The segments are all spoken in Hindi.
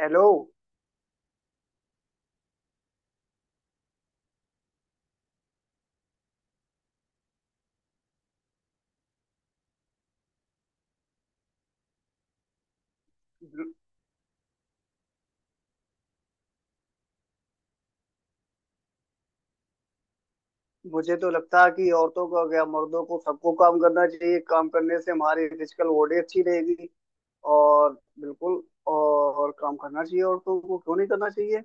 हेलो। मुझे तो लगता है कि औरतों का क्या, मर्दों को, सबको काम करना चाहिए। काम करने से हमारी फिजिकल बॉडी अच्छी रहेगी। और बिल्कुल, और काम करना चाहिए, औरतों को क्यों नहीं करना चाहिए?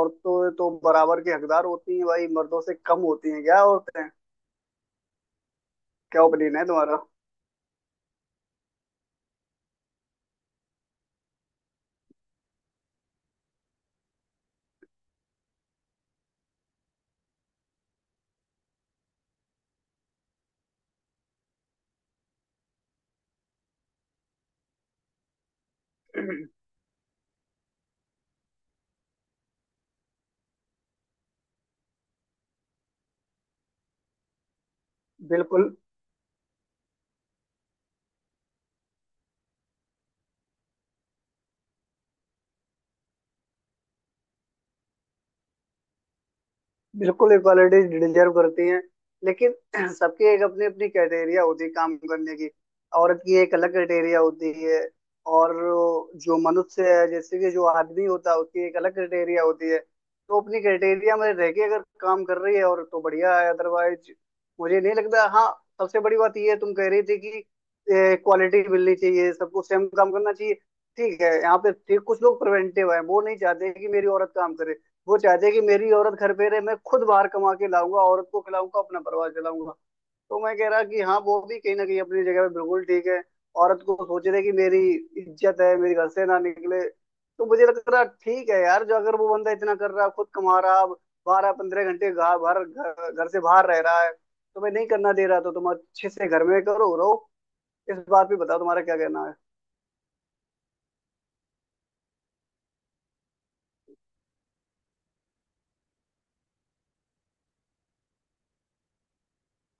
औरतें तो बराबर के हकदार होती हैं, भाई। मर्दों से कम होती हैं क्या औरतें? क्या ओपिनियन है तुम्हारा? बिल्कुल, बिल्कुल इक्वालिटी डिजर्व करती हैं। लेकिन सबकी एक अपनी अपनी क्राइटेरिया होती है काम करने की। औरत की एक अलग क्राइटेरिया होती है, और जो मनुष्य है, जैसे कि जो आदमी होता है, उसकी एक अलग क्राइटेरिया होती है। तो अपनी क्राइटेरिया में रह के अगर काम कर रही है और, तो बढ़िया है, अदरवाइज मुझे नहीं लगता। हाँ, सबसे बड़ी बात ये है, तुम कह रही थी कि क्वालिटी मिलनी चाहिए, सबको सेम काम करना चाहिए। ठीक है, यहाँ पे ठीक, कुछ लोग प्रिवेंटिव है, वो नहीं चाहते कि मेरी औरत काम करे। वो चाहते हैं कि मेरी औरत घर पे रहे, मैं खुद बाहर कमा के लाऊंगा, औरत को खिलाऊंगा, अपना परिवार चलाऊंगा। तो मैं कह रहा कि हाँ, वो भी कहीं ना कहीं अपनी जगह पे बिल्कुल ठीक है। औरत को सोच रहे कि मेरी इज्जत है, मेरे घर से ना निकले। तो मुझे लग रहा ठीक है यार, जो अगर वो बंदा इतना कर रहा है, खुद कमा रहा है, बारह पंद्रह घंटे बाहर, घर घर से बाहर रह रहा है, तो मैं नहीं करना दे रहा, तो तुम अच्छे से घर में करो रहो। इस बात पे बताओ तुम्हारा क्या कहना है?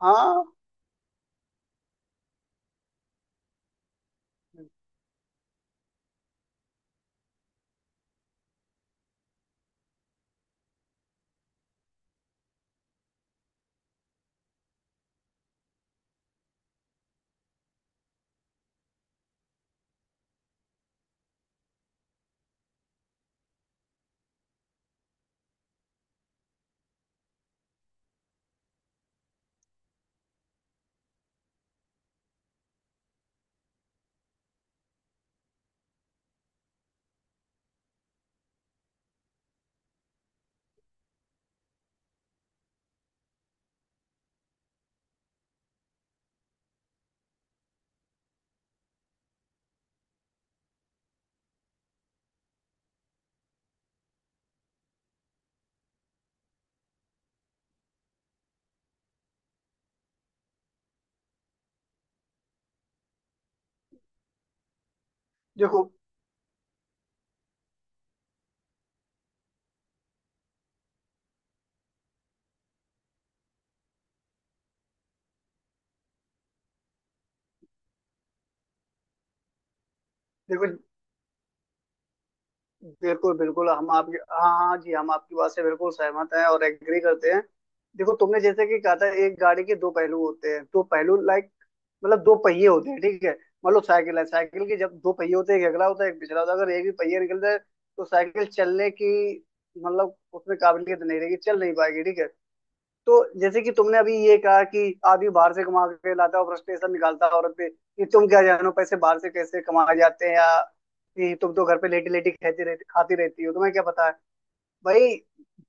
हाँ, देखो, देखो, बिल्कुल, हम आपकी, हाँ, हाँ जी, हम आपकी बात से बिल्कुल सहमत हैं और एग्री करते हैं। देखो, तुमने जैसे कि कहा था एक गाड़ी के दो पहलू होते हैं। दो पहलू, लाइक, मतलब दो पहिए होते हैं, ठीक है? मान लो साइकिल है, साइकिल के जब दो पहिए होते हैं, एक अगला होता है, एक पिछला होता है। अगर एक भी पहिया निकल जाए, तो साइकिल चलने की, मतलब उसमें काबिलियत नहीं रहेगी, चल नहीं पाएगी, ठीक है? तो जैसे कि तुमने अभी ये कहा कि आदमी बाहर से कमा के लाता है और फ्रस्ट्रेशन निकालता है औरत पे कि तुम क्या जानो पैसे बाहर से कैसे कमाए जाते हैं, या कि तुम तो घर पे लेटी लेटी खाती रहती हो, तुम्हें क्या पता है भाई?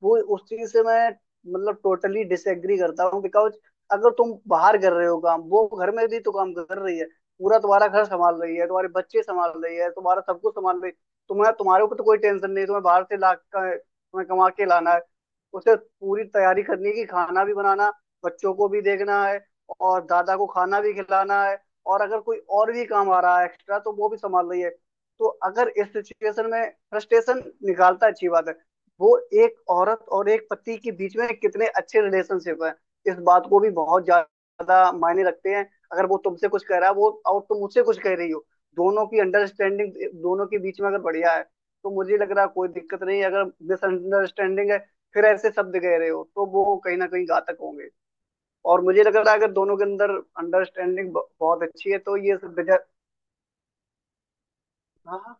वो उस चीज से मैं, मतलब टोटली डिसएग्री करता हूँ, बिकॉज अगर तुम बाहर कर रहे हो काम, वो घर में भी तो काम कर रही है। पूरा तुम्हारा घर संभाल रही है, तुम्हारे बच्चे संभाल रही है, तुम्हारा सब कुछ संभाल रही है। तुम्हें, तुम्हारे ऊपर तो कोई टेंशन नहीं है, तुम्हें बाहर से ला, तुम्हें कमा के लाना है। उसे पूरी तैयारी करनी है कि खाना भी बनाना, बच्चों को भी देखना है, और दादा को खाना भी खिलाना है, और अगर कोई और भी काम आ रहा है एक्स्ट्रा तो वो भी संभाल रही है। तो अगर इस सिचुएशन में फ्रस्ट्रेशन निकालता, अच्छी बात है। वो एक औरत और एक पति के बीच में कितने अच्छे रिलेशनशिप है, इस बात को भी बहुत ज्यादा मायने रखते हैं। अगर वो तुमसे कुछ कह रहा है वो, और तुम मुझसे कुछ कह रही हो, दोनों की अंडरस्टैंडिंग, दोनों के बीच में अगर बढ़िया है, तो मुझे लग रहा है कोई दिक्कत नहीं है। अगर मिसअंडरस्टैंडिंग है, फिर ऐसे शब्द कह रहे हो, तो वो कहीं ना कहीं घातक होंगे। और मुझे लग रहा है अगर दोनों के अंदर अंडरस्टैंडिंग बहुत अच्छी है, तो ये सब बेजा। हाँ।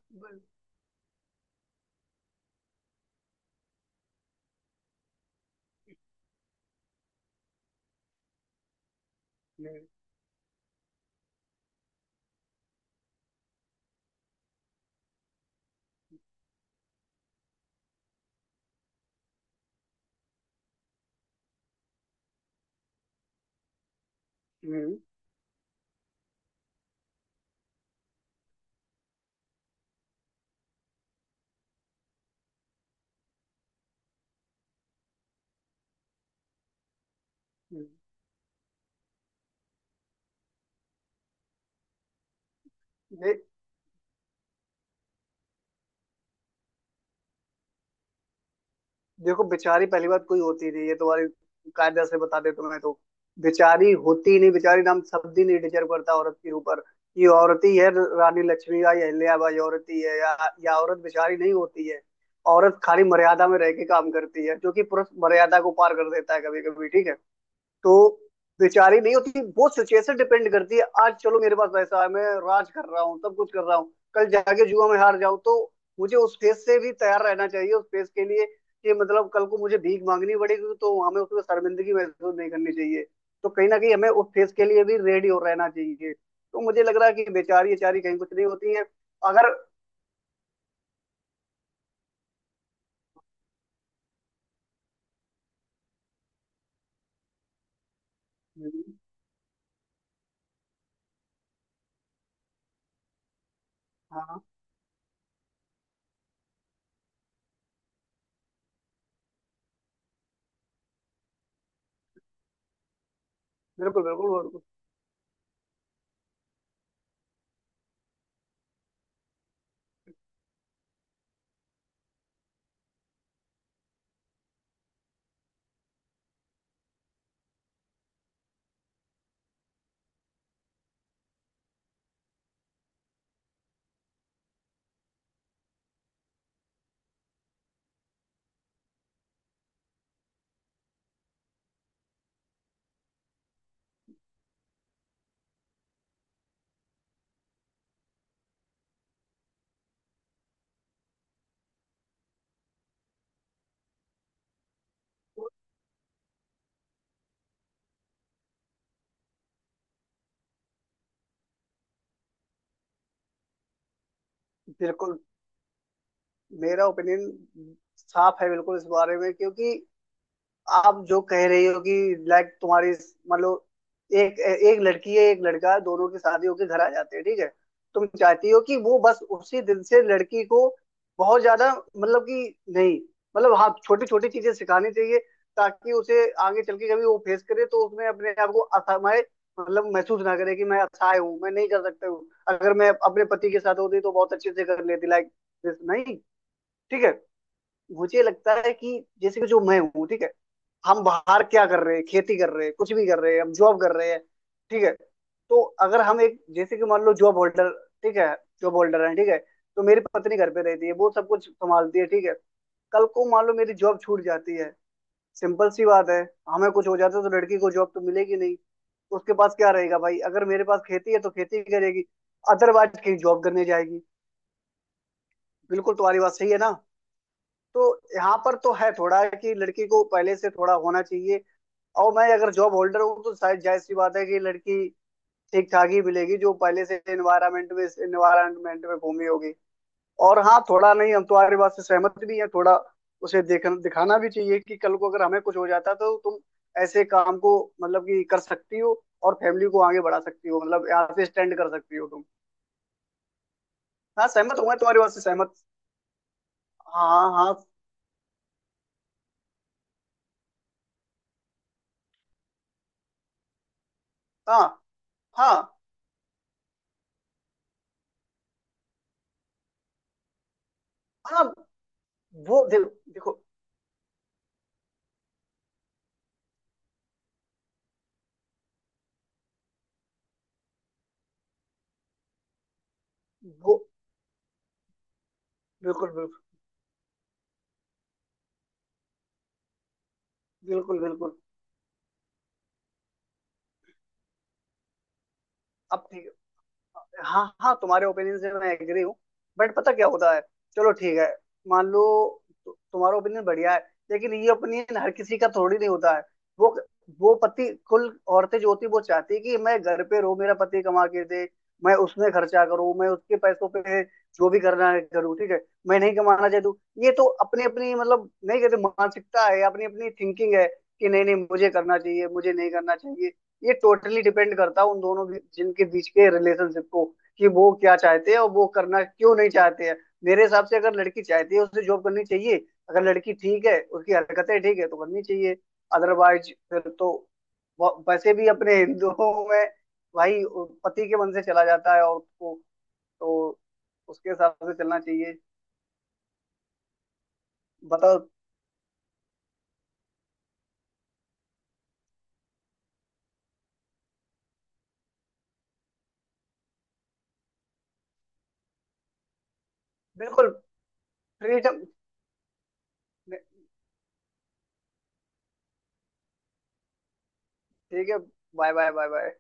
हम्म, हम्म, हम्म। देखो, बेचारी पहली बात कोई होती नहीं, ये तुम्हारी, कायदा से बता दे तुम्हें तो, बेचारी होती ही नहीं। बेचारी नाम शब्द ही नहीं डिजर्व करता औरत के ऊपर। ये औरत ही है, रानी लक्ष्मी या अहल्याबाई औरत ही है, या औरत बेचारी नहीं होती है। औरत खाली मर्यादा में रह के काम करती है, जो कि पुरुष मर्यादा को पार कर देता है कभी कभी, ठीक है? तो बेचारी नहीं होती, वो सिचुएशन डिपेंड करती है। आज चलो मेरे पास पैसा है, मैं राज कर रहा हूँ, सब कुछ कर रहा हूँ, कल जाके जुआ में हार जाऊं, तो मुझे उस फेज से भी तैयार रहना चाहिए, उस फेज के लिए। कि मतलब कल को मुझे भीख मांगनी पड़ेगी, तो हमें उसमें शर्मिंदगी महसूस नहीं करनी चाहिए। तो कहीं ना कहीं हमें उस फेज के लिए भी रेडी हो रहना चाहिए। तो मुझे लग रहा है कि बेचारी बेचारी कहीं कुछ नहीं होती है। अगर, हाँ, हाँ, बिल्कुल, बिल्कुल, मेरा ओपिनियन साफ है बिल्कुल इस बारे में, क्योंकि आप जो कह रही हो कि लाइक तुम्हारी, मतलब एक एक लड़की है, एक लड़का है, दोनों की शादी होके घर आ जाते हैं, ठीक है। तुम चाहती हो कि वो बस उसी दिन से लड़की को बहुत ज्यादा, मतलब कि नहीं, मतलब हाँ, छोटी छोटी चीजें सिखानी चाहिए, ताकि उसे आगे चल के कभी वो फेस करे तो उसमें अपने आप को असहाय, मतलब महसूस ना करे कि मैं असहाय हूँ, मैं नहीं कर सकता हूँ, अगर मैं अपने पति के साथ होती तो बहुत अच्छे से कर लेती, लाइक दिस, नहीं। ठीक है, मुझे लगता है कि जैसे कि जो मैं हूँ, ठीक है, हम बाहर क्या कर रहे हैं, खेती कर रहे हैं, कुछ भी कर रहे हैं, हम जॉब कर रहे हैं, ठीक है। तो अगर हम एक, जैसे कि मान लो जॉब होल्डर, ठीक है, जॉब होल्डर है, ठीक है, तो मेरी पत्नी घर पे रहती है, वो सब कुछ संभालती है, ठीक है। कल को मान लो मेरी जॉब छूट जाती है, सिंपल सी बात है, हमें कुछ हो जाता है, तो लड़की को जॉब तो मिलेगी नहीं, तो उसके पास क्या रहेगा भाई? अगर मेरे पास खेती है तो खेती करेगी, अदरवाइज कहीं जॉब करने जाएगी। बिल्कुल तुम्हारी बात सही है ना। तो यहाँ पर तो है थोड़ा कि लड़की को पहले से थोड़ा होना चाहिए। और मैं अगर जॉब होल्डर हूँ, तो शायद जाहिर सी बात है कि लड़की ठीक ठाक ही मिलेगी, जो पहले से इन्वायरमेंट में घूमी होगी। और हाँ, थोड़ा नहीं, हम तुम्हारी बात से सहमत भी हैं। थोड़ा उसे देखना दिखाना भी चाहिए कि कल को अगर हमें कुछ हो जाता तो तुम ऐसे काम को, मतलब कि कर सकती हो, और फैमिली को आगे बढ़ा सकती हो, मतलब यहाँ से स्टैंड कर सकती हो तुम। हाँ, सहमत हूँ मैं तुम्हारी बात से सहमत। हाँ, हाँ, हाँ, हाँ, हाँ। वो, देखो, देखो, वो, बिल्कुल, बिल्कुल, बिल्कुल, बिल्कुल। अब ठीक। हाँ, हाँ, तुम्हारे ओपिनियन से मैं एग्री हूँ। बट पता क्या होता है, चलो ठीक है, मान लो, तुम्हारा ओपिनियन बढ़िया है, लेकिन ये ओपिनियन हर किसी का थोड़ी नहीं होता है। वो वो पति कुल, औरतें जो होती हैं, वो चाहती है कि मैं घर पे रहूं, मेरा पति कमा के दे, मैं उसमें खर्चा करूं, मैं उसके पैसों पे जो भी करना है करूँ, ठीक है, मैं नहीं कमाना चाहती हूँ। ये तो अपनी अपनी, मतलब नहीं कहते, मानसिकता है, अपनी अपनी थिंकिंग है, कि नहीं नहीं मुझे करना चाहिए, मुझे नहीं करना चाहिए। ये टोटली डिपेंड करता है उन दोनों जिनके बीच के रिलेशनशिप को, कि वो क्या चाहते हैं और वो करना क्यों नहीं चाहते हैं। मेरे हिसाब से अगर लड़की चाहती है उसे जॉब करनी चाहिए। अगर लड़की ठीक है, उसकी हरकतें ठीक है, तो करनी चाहिए। अदरवाइज फिर तो, वैसे भी अपने हिंदुओं में, भाई, पति के मन से चला जाता है और को, तो उसके हिसाब से चलना चाहिए। बताओ। बिल्कुल, फ्रीडम। ठीक है। Bye bye, bye bye.